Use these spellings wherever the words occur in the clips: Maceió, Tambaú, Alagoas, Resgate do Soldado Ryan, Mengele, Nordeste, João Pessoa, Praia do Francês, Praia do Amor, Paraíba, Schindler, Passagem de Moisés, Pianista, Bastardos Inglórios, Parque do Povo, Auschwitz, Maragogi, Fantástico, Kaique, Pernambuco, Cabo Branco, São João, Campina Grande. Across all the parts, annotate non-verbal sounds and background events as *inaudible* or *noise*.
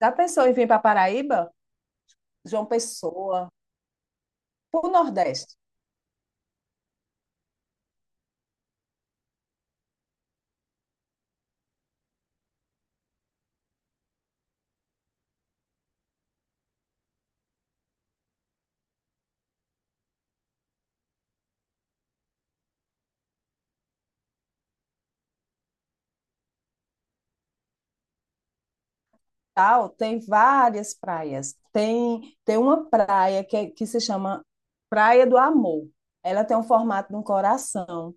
Já pensou em vir para Paraíba? João Pessoa, para o Nordeste, tal, tem várias praias. Tem uma praia que se chama Praia do Amor. Ela tem um formato de um coração.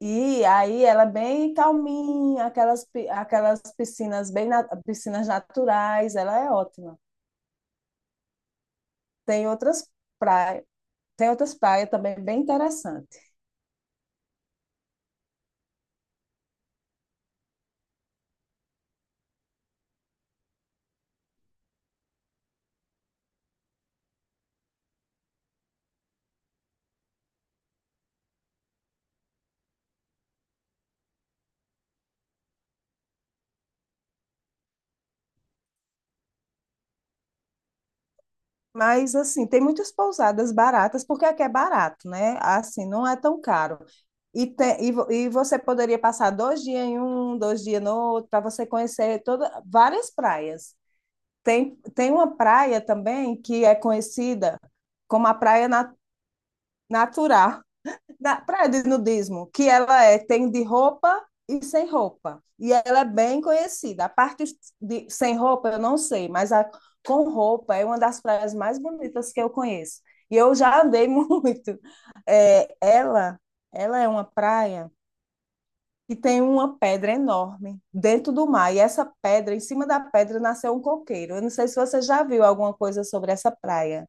E aí ela é bem calminha, aquelas piscinas piscinas naturais, ela é ótima. Tem outras praias, tem outras praias também bem interessantes. Mas, assim, tem muitas pousadas baratas, porque aqui é barato, né? Assim, não é tão caro. E você poderia passar 2 dias em um, 2 dias no outro, para você conhecer toda, várias praias. Tem uma praia também que é conhecida como a Natural da praia de nudismo, que ela é tem de roupa e sem roupa. E ela é bem conhecida. A parte de sem roupa eu não sei, mas a com roupa é uma das praias mais bonitas que eu conheço. E eu já andei *laughs* muito. É, ela é uma praia que tem uma pedra enorme dentro do mar. E essa pedra, em cima da pedra, nasceu um coqueiro. Eu não sei se você já viu alguma coisa sobre essa praia.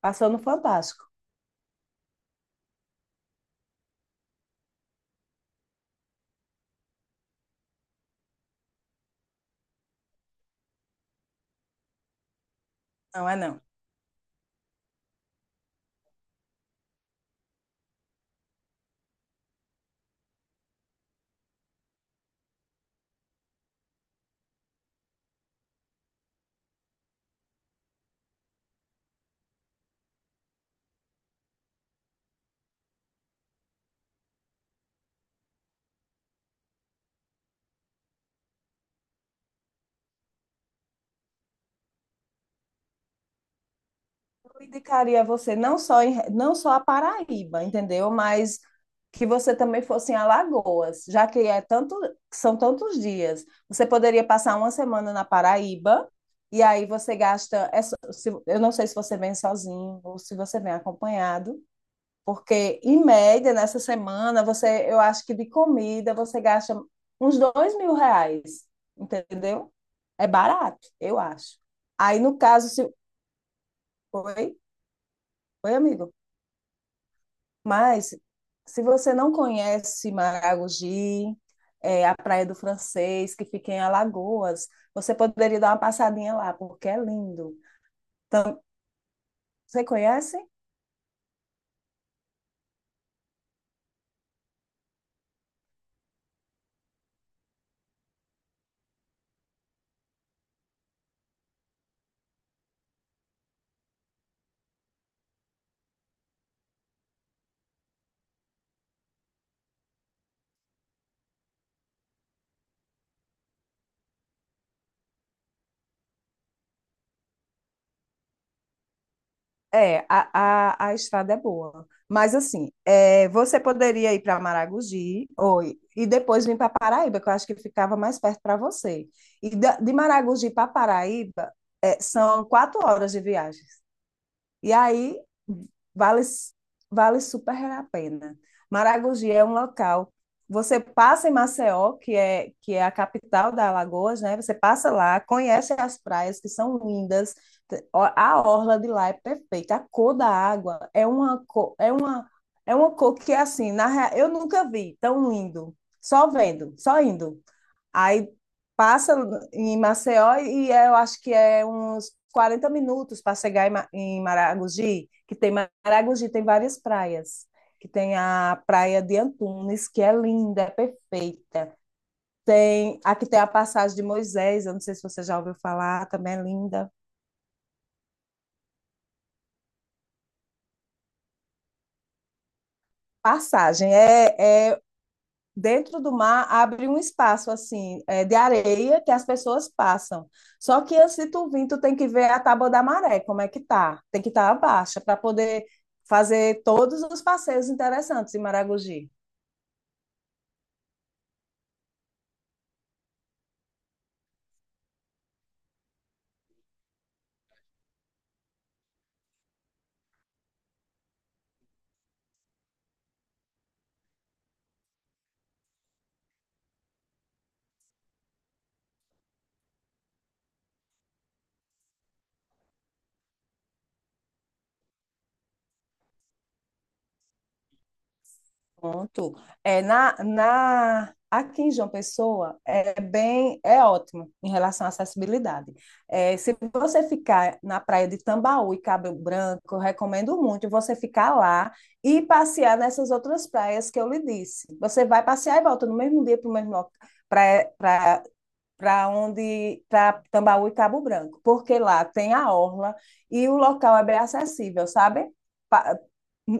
Passou no Fantástico. Não é não. Eu indicaria você não só a Paraíba, entendeu? Mas que você também fosse em Alagoas, já que é tanto, são tantos dias. Você poderia passar uma semana na Paraíba, e aí você gasta. Eu não sei se você vem sozinho ou se você vem acompanhado, porque em média, nessa semana, você, eu acho que de comida você gasta uns R$ 2.000, entendeu? É barato, eu acho. Aí, no caso, se. Oi? Oi, amigo? Mas, se você não conhece Maragogi, a Praia do Francês, que fica em Alagoas, você poderia dar uma passadinha lá, porque é lindo. Então, você conhece? É, a estrada é boa. Mas, assim, é, você poderia ir para Maragogi ou, e depois vir para Paraíba, que eu acho que ficava mais perto para você. E de Maragogi para Paraíba, é, são 4 horas de viagem. E aí vale, vale super a pena. Maragogi é um local. Você passa em Maceió, que é a capital da Alagoas, né? Você passa lá, conhece as praias que são lindas. A orla de lá é perfeita. A cor da água é uma cor que assim, na real, eu nunca vi tão lindo. Só vendo, só indo. Aí passa em Maceió e eu acho que é uns 40 minutos para chegar em em Maragogi, que tem Maragogi, tem várias praias, que tem a praia de Antunes, que é linda, é perfeita. Tem, aqui tem a passagem de Moisés, eu não sei se você já ouviu falar, também é linda. Passagem é dentro do mar abre um espaço assim é, de areia que as pessoas passam. Só que antes de tu vir, tu tem que ver a tábua da maré, como é que tá. Tem que estar tá abaixo para poder fazer todos os passeios interessantes em Maragogi. Pronto. É, aqui em João Pessoa é bem, é ótimo em relação à acessibilidade. É, se você ficar na praia de Tambaú e Cabo Branco, eu recomendo muito você ficar lá e passear nessas outras praias que eu lhe disse. Você vai passear e volta no mesmo dia para o mesmo para para onde para Tambaú e Cabo Branco, porque lá tem a orla e o local é bem acessível, sabe? Pa-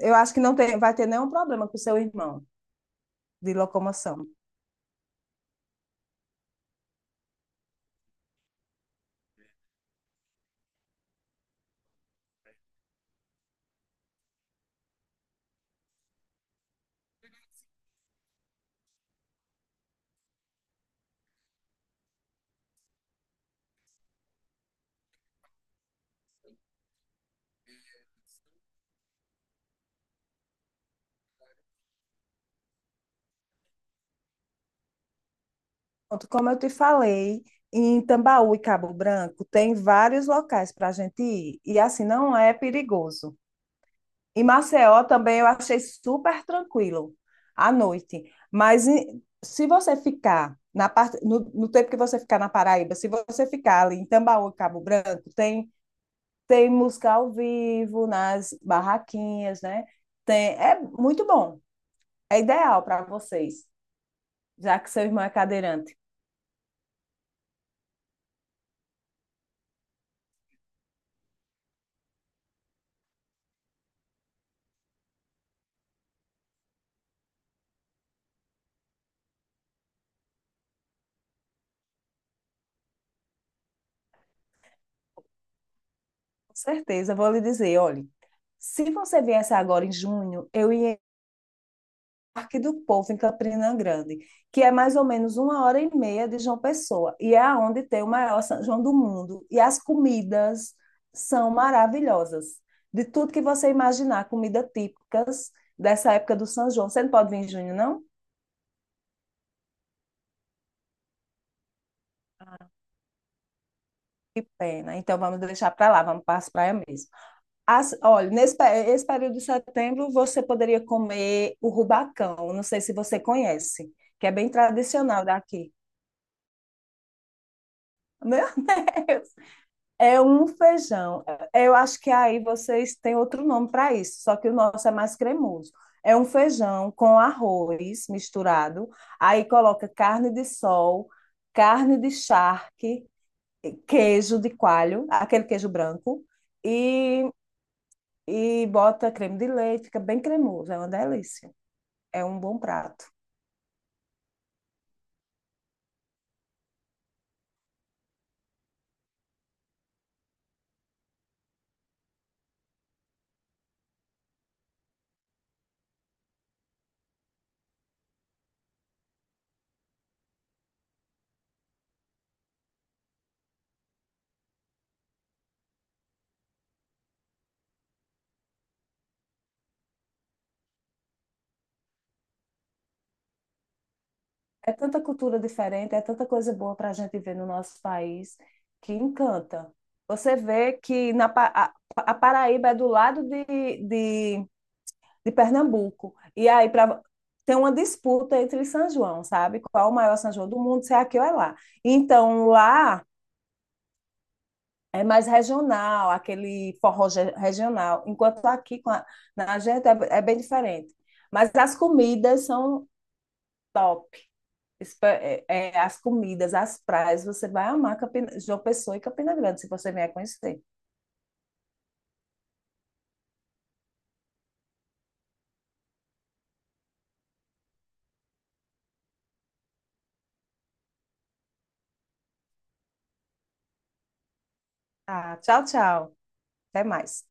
Eu acho que não tem, vai ter nenhum problema com o seu irmão de locomoção. Pronto, como eu te falei, em Tambaú e Cabo Branco tem vários locais para a gente ir e assim não é perigoso. Em Maceió também eu achei super tranquilo à noite. Se você ficar na parte, no tempo que você ficar na Paraíba, se você ficar ali em Tambaú, e Cabo Branco, tem tem música ao vivo nas barraquinhas, né? Tem, é muito bom. É ideal para vocês, já que seu irmão é cadeirante. Com certeza, eu vou lhe dizer, olhe, se você viesse agora em junho, eu ia Parque do Povo, em Campina Grande, que é mais ou menos uma hora e meia de João Pessoa, e é onde tem o maior São João do mundo. E as comidas são maravilhosas. De tudo que você imaginar, comida típicas dessa época do São João. Você não pode vir em junho, não? Pena. Então vamos deixar para lá, vamos para as praias mesmo. As, olha, nesse esse período de setembro você poderia comer o rubacão, não sei se você conhece, que é bem tradicional daqui. *laughs* Meu É um feijão. Eu acho que aí vocês têm outro nome para isso, só que o nosso é mais cremoso. É um feijão com arroz misturado, aí coloca carne de sol, carne de charque, queijo de coalho, aquele queijo branco, e, e bota creme de leite, fica bem cremoso, é uma delícia. É um bom prato. É tanta cultura diferente, é tanta coisa boa para a gente ver no nosso país que encanta. Você vê que na, a Paraíba é do lado de, de Pernambuco. E aí pra, tem uma disputa entre São João, sabe? Qual é o maior São João do mundo, se é aqui ou é lá. Então lá é mais regional, aquele regional. Enquanto aqui com a- na gente é, é bem diferente. Mas as comidas são top. As comidas, as praias, você vai amar João Pessoa e Campina Grande, se você vier conhecer. Tá, tchau, tchau. Até mais.